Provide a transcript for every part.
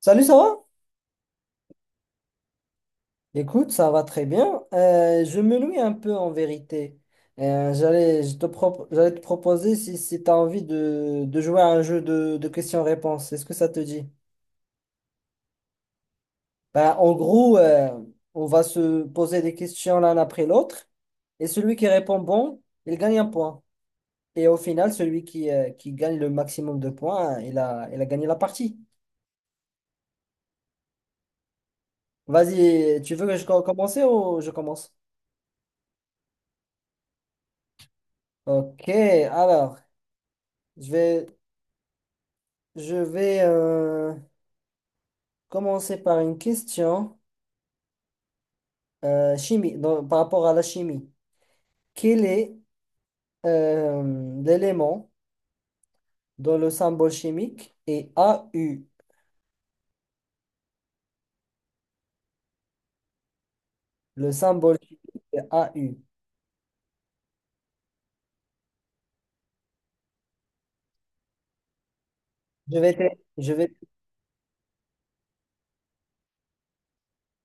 Salut, ça va? Écoute, ça va très bien. Je me loue un peu en vérité. Je te j'allais te proposer si, tu as envie de jouer à un jeu de questions-réponses. Est-ce que ça te dit? Ben, en gros, on va se poser des questions l'un après l'autre. Et celui qui répond bon, il gagne un point. Et au final, celui qui gagne le maximum de points, il a gagné la partie. Vas-y, tu veux que je commence ou je commence? Ok, alors, je vais Je vais commencer par une question chimie, par rapport à la chimie. Quel est l'élément dont le symbole chimique est AU? Le symbole chimique est AU. Je vais t'aider. Je vais,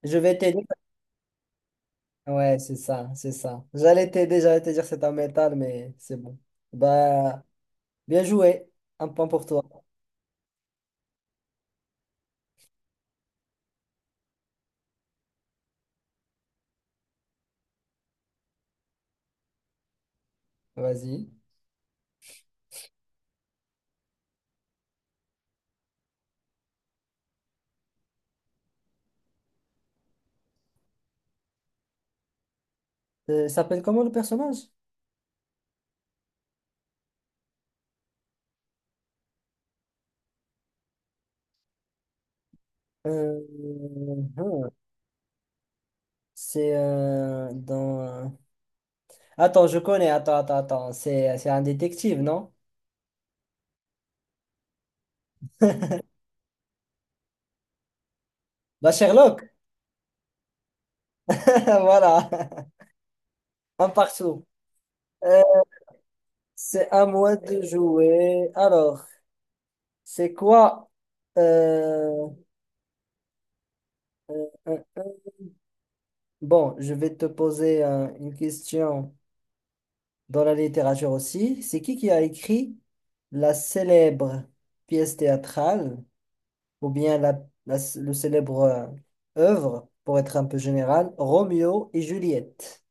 je vais t'aider. Ouais, c'est ça, c'est ça. J'allais t'aider, j'allais te dire c'est un métal, mais c'est bon. Bah, bien joué. Un point pour toi. Vas-y. Il s'appelle comment le personnage? Euh, hum, c'est dans. Attends, je connais. Attends, attends, attends. C'est un détective, non? Bah, Sherlock. Voilà. Un partout. Euh, c'est à moi de jouer. Alors, c'est quoi? euh, un- un- Bon, je vais te poser une question dans la littérature aussi. C'est qui a écrit la célèbre pièce théâtrale ou bien le célèbre œuvre, pour être un peu général, Roméo et Juliette?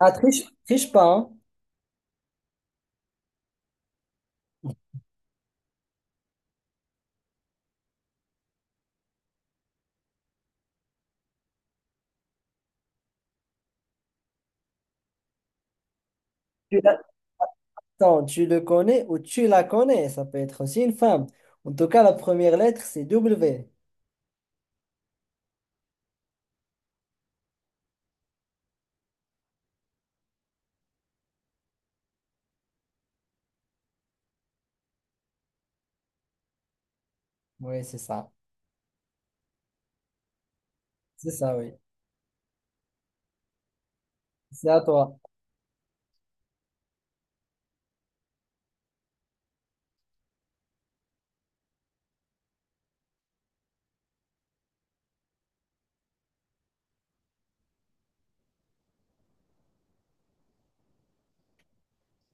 Ah, triche pas, hein? Attends, tu le connais ou tu la connais, ça peut être aussi une femme. En tout cas, la première lettre, c'est W. Oui, c'est ça. C'est ça, oui. C'est à toi.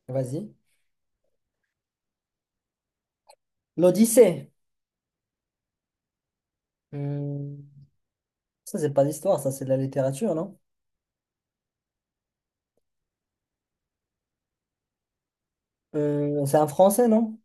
Vas-y. L'Odyssée. Hmm, Ça, c'est pas l'histoire, ça, c'est de la littérature, non? C'est un français, non?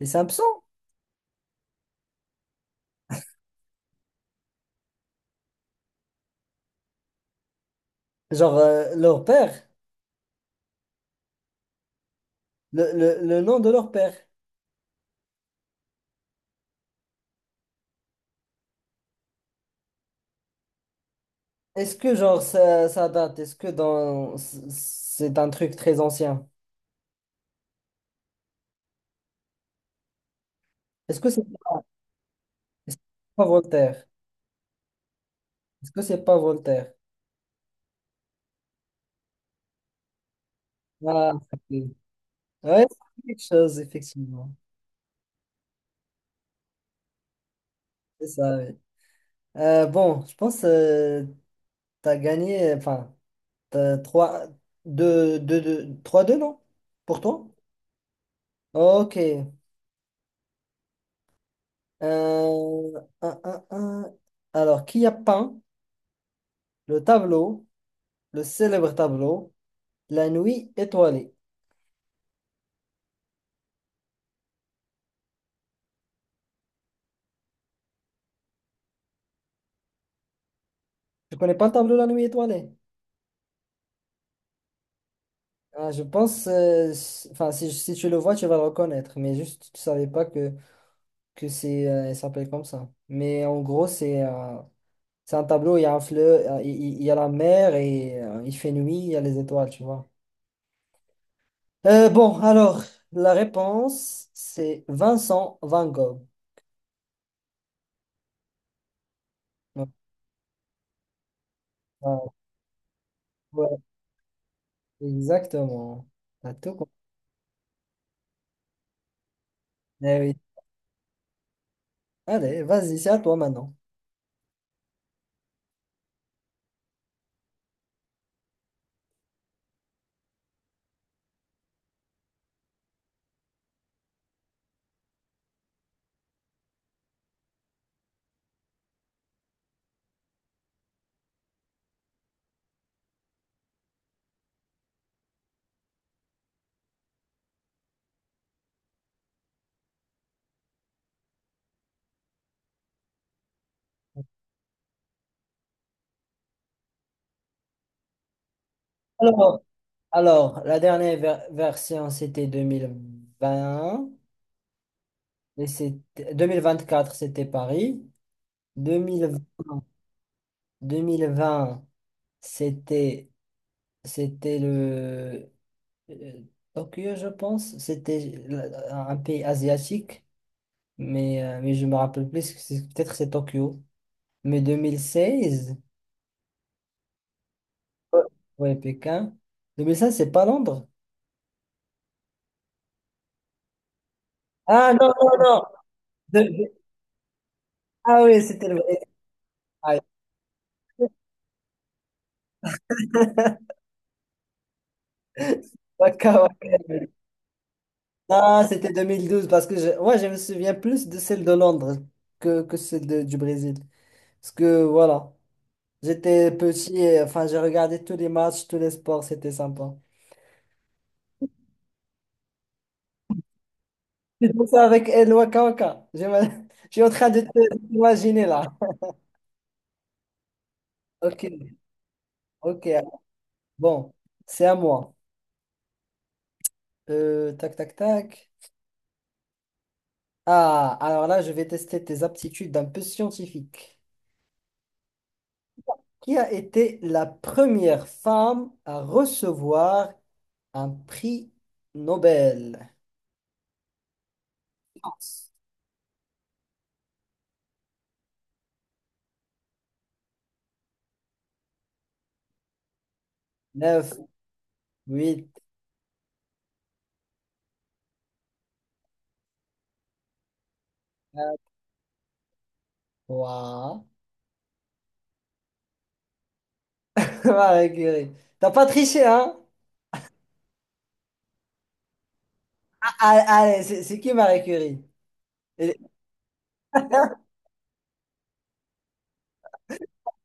Les Simpsons? Genre, leur père, le nom de leur père. Est-ce que, genre, ça date? Est-ce que dans... c'est un truc très ancien? Est-ce que c'est est-ce que c'est pas Voltaire? Est-ce que c'est pas Voltaire? Ah, ok. Ouais, c'est quelque chose, effectivement. C'est ça, oui. Bon, je pense que tu as gagné, enfin, t'as 3 2 2 2, 3-2, non? Pour toi? Ok. Un, un, un. Alors, qui a peint le tableau, le célèbre tableau, La Nuit étoilée? Je connais pas le tableau La Nuit étoilée. Ah, je pense, enfin, si tu le vois, tu vas le reconnaître, mais juste, tu savais pas que c'est, il s'appelle comme ça. Mais en gros, c'est un tableau, il y a un fleuve, il y a la mer et il fait nuit, il y a les étoiles, tu vois. Bon, alors, la réponse, c'est Vincent Van Gogh. Donc, euh, ouais, exactement. T'as tout compris. Eh oui. Allez, vas-y, c'est à toi maintenant. Alors, alors, la dernière version, c'était 2020. Et 2024, c'était Paris. 2020, deux mille vingt c'était c'était le Euh, Tokyo, je pense, c'était un pays asiatique, mais je me rappelle plus, peut-être c'est Tokyo. Mais 2016. Ouais, ouais, Pékin. 2016, c'est pas Londres. Ah, non, non, non. De- de- Ah oui, c'était le... Ah, d'accord. Ah, c'était 2012 parce que je... ouais, je me souviens plus de celle de Londres que celle du Brésil. Parce que voilà, j'étais petit, et, enfin, j'ai regardé tous les matchs, tous les sports, c'était sympa. C'est pour ça avec El Waka Waka. Je suis en train de de t'imaginer là. Ok, ok. Bon, c'est à moi. Tac, tac, tac. Ah, alors là, je vais tester tes aptitudes un peu scientifiques. Qui a été la première femme à recevoir un prix Nobel? Neuf, huit, trois. Marie Curie. T'as pas triché, hein? Ah, ah, allez, c'est qui Marie Curie? Elle,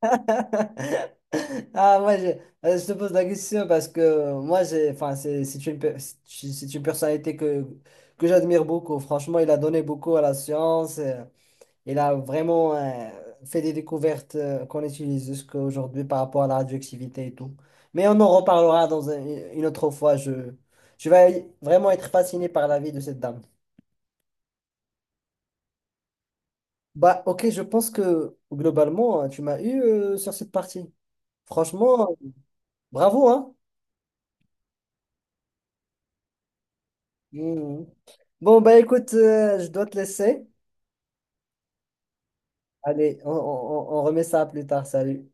Ah, moi, je te pose la question parce que moi, enfin, c'est une personnalité que j'admire beaucoup. Franchement, il a donné beaucoup à la science. Il a vraiment fait des découvertes qu'on utilise jusqu'à aujourd'hui par rapport à la radioactivité et tout. Mais on en reparlera dans une autre fois. Je vais vraiment être fasciné par la vie de cette dame. Bah, ok, je pense que globalement, hein, tu m'as eu sur cette partie. Franchement, bravo, hein? Mhm. Bon, bah écoute, je dois te laisser. Allez, on remet ça plus tard. Salut.